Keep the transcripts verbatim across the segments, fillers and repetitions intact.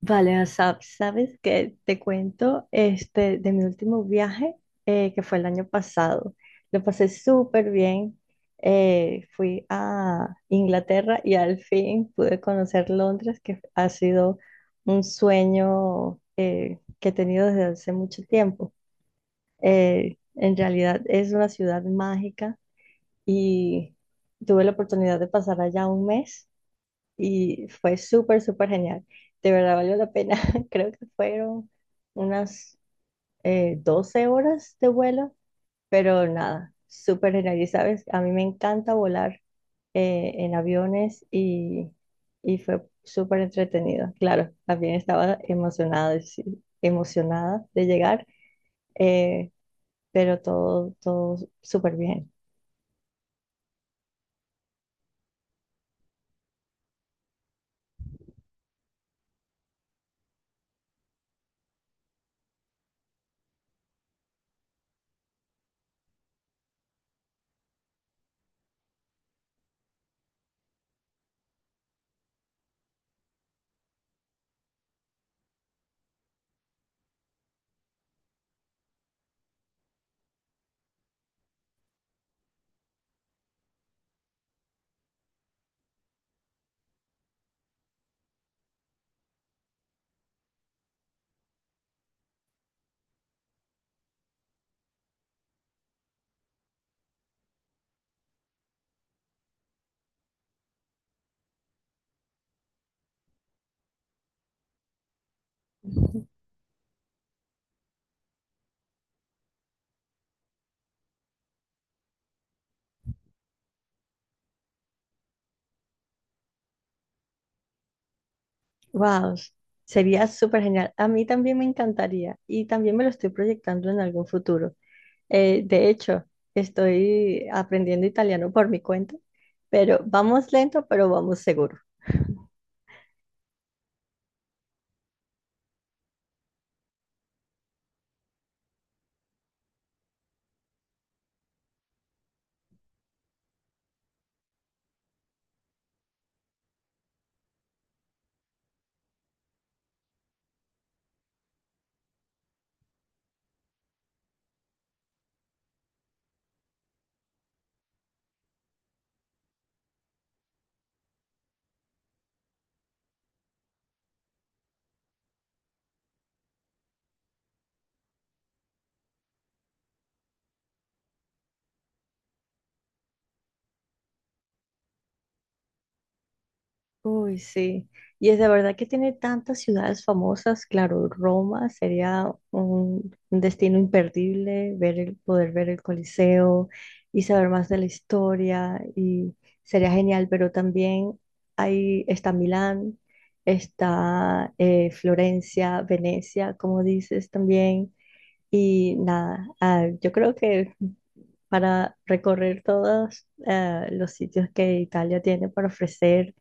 Vale, o sea, sabes que te cuento este de mi último viaje eh, que fue el año pasado. Lo pasé súper bien. Eh, fui a Inglaterra y al fin pude conocer Londres, que ha sido un sueño eh, que he tenido desde hace mucho tiempo. Eh, en realidad es una ciudad mágica y tuve la oportunidad de pasar allá un mes y fue súper, súper genial. De verdad valió la pena. Creo que fueron unas eh, doce horas de vuelo, pero nada, súper genial. Y sabes, a mí me encanta volar eh, en aviones y, y fue súper entretenido. Claro, también estaba emocionada, de- sí, emocionada de llegar, eh, pero todo, todo súper bien. Wow, sería súper genial. A mí también me encantaría y también me lo estoy proyectando en algún futuro. Eh, de hecho, estoy aprendiendo italiano por mi cuenta, pero vamos lento, pero vamos seguro. Uy, sí. Y es de verdad que tiene tantas ciudades famosas. Claro, Roma sería un, un destino imperdible, ver el, poder ver el Coliseo y saber más de la historia y sería genial. Pero también ahí está Milán, está eh, Florencia, Venecia, como dices también. Y nada, ah, yo creo que para recorrer todos eh, los sitios que Italia tiene para ofrecer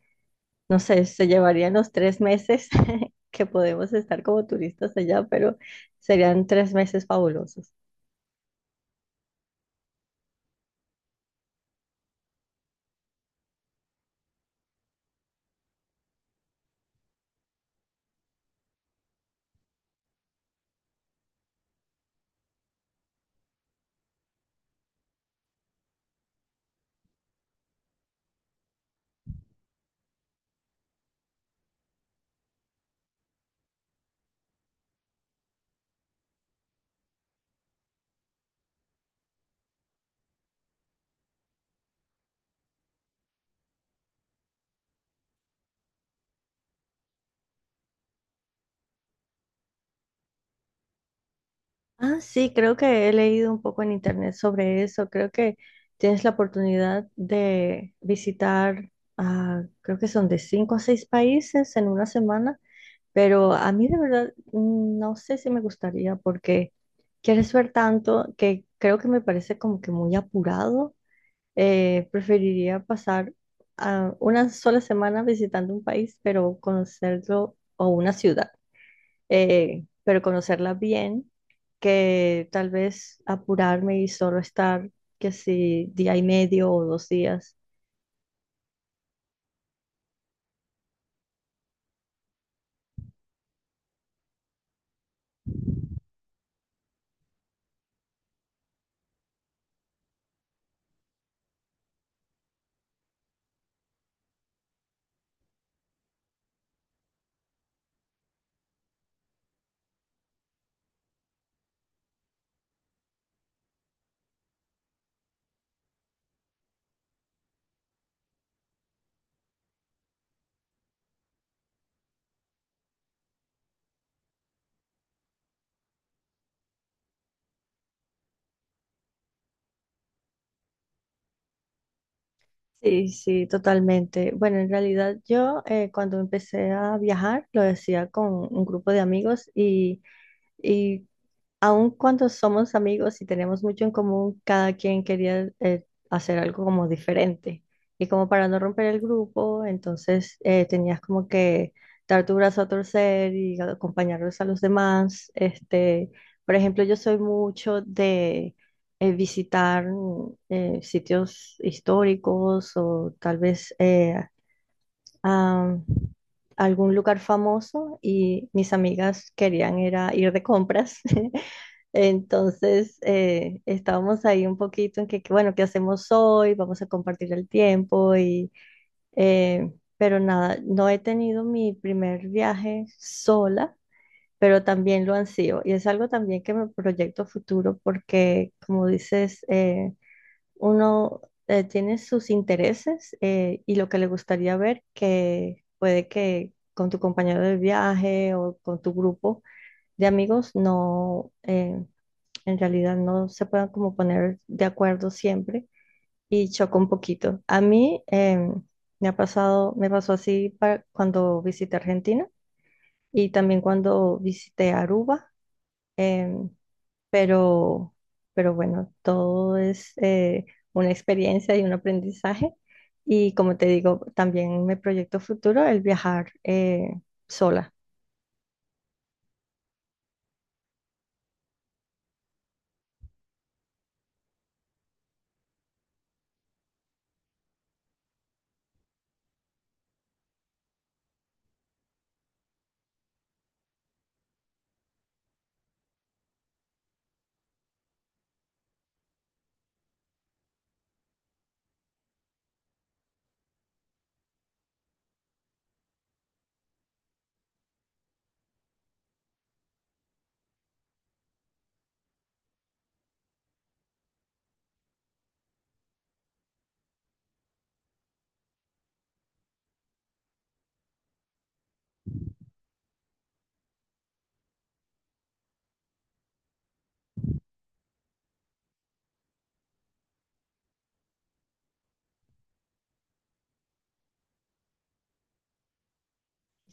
no sé, se llevarían los tres meses que podemos estar como turistas allá, pero serían tres meses fabulosos. Ah, sí, creo que he leído un poco en internet sobre eso. Creo que tienes la oportunidad de visitar, ah, creo que son de cinco a seis países en una semana, pero a mí de verdad mm, no sé si me gustaría porque quieres ver tanto que creo que me parece como que muy apurado. Eh, preferiría pasar ah, una sola semana visitando un país, pero conocerlo, o una ciudad, eh, pero conocerla bien, que tal vez apurarme y solo estar, que si día y medio o dos días. Sí, sí, totalmente. Bueno, en realidad yo eh, cuando empecé a viajar lo decía con un grupo de amigos y, y aun cuando somos amigos y tenemos mucho en común, cada quien quería eh, hacer algo como diferente. Y como para no romper el grupo, entonces eh, tenías como que dar tu brazo a torcer y acompañarlos a los demás. Este, por ejemplo, yo soy mucho de eh, visitar mm, eh, sitios históricos o tal vez eh, a algún lugar famoso y mis amigas querían era ir de compras. Entonces, eh, estábamos ahí un poquito en que, que, bueno, ¿qué hacemos hoy? Vamos a compartir el tiempo y, eh, pero nada, no he tenido mi primer viaje sola, pero también lo ansío. Y es algo también que me proyecto a futuro porque, como dices, eh, uno eh, tiene sus intereses eh, y lo que le gustaría ver, que puede que con tu compañero de viaje o con tu grupo de amigos no, eh, en realidad no se puedan como poner de acuerdo siempre y choca un poquito. A mí eh, me ha pasado, me pasó así para cuando visité Argentina y también cuando visité Aruba. eh, pero, pero bueno, todo es eh, una experiencia y un aprendizaje. Y como te digo, también me proyecto futuro el viajar eh, sola.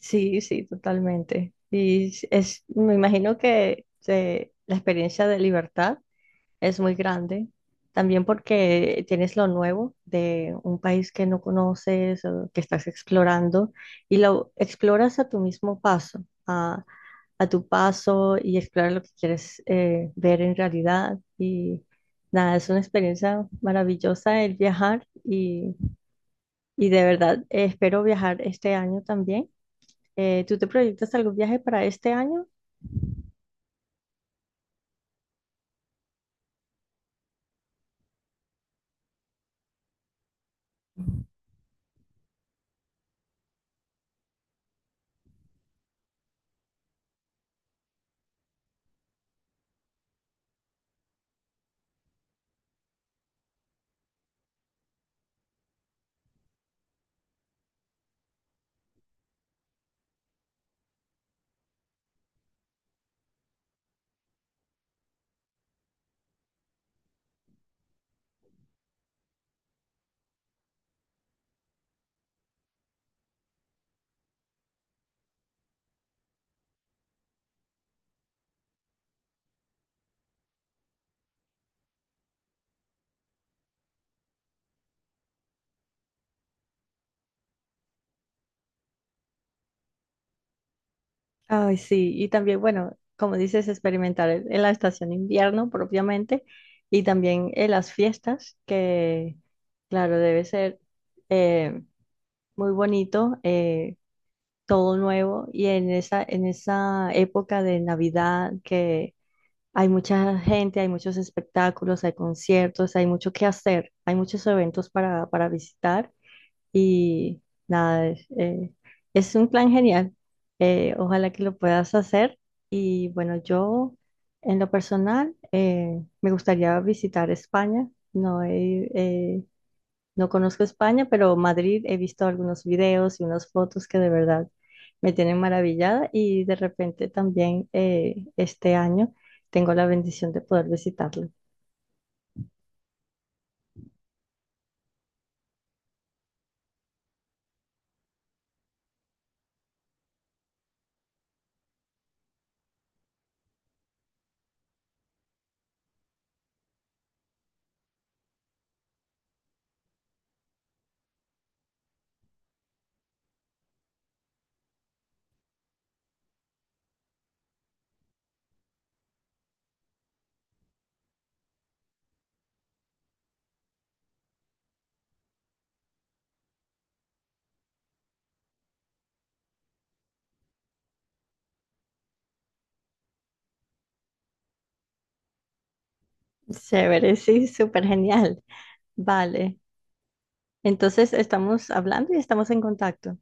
Sí, sí, totalmente. Y es, es- me imagino que eh, la experiencia de libertad es muy grande. También porque tienes lo nuevo de un país que no conoces, o que estás explorando, y lo exploras a tu mismo paso, a, a tu paso y exploras lo que quieres eh, ver en realidad. Y nada, es una experiencia maravillosa el viajar y, y de verdad eh, espero viajar este año también. Eh, ¿tú te proyectas algún viaje para este año? Ay, sí, y también, bueno, como dices, experimentar en en la estación invierno propiamente y también en las fiestas, que claro, debe ser eh, muy bonito, eh, todo nuevo y en esa, en esa época de Navidad que hay mucha gente, hay muchos espectáculos, hay conciertos, hay mucho que hacer, hay muchos eventos para, para visitar y nada, es, eh, es un plan genial. Eh, ojalá que lo puedas hacer. Y bueno, yo en lo personal eh, me gustaría visitar España. No he, eh, no conozco España, pero Madrid he visto algunos videos y unas fotos que de verdad me tienen maravillada y de repente también eh, este año tengo la bendición de poder visitarlo. Chévere, sí, súper genial. Vale, entonces estamos hablando y estamos en contacto.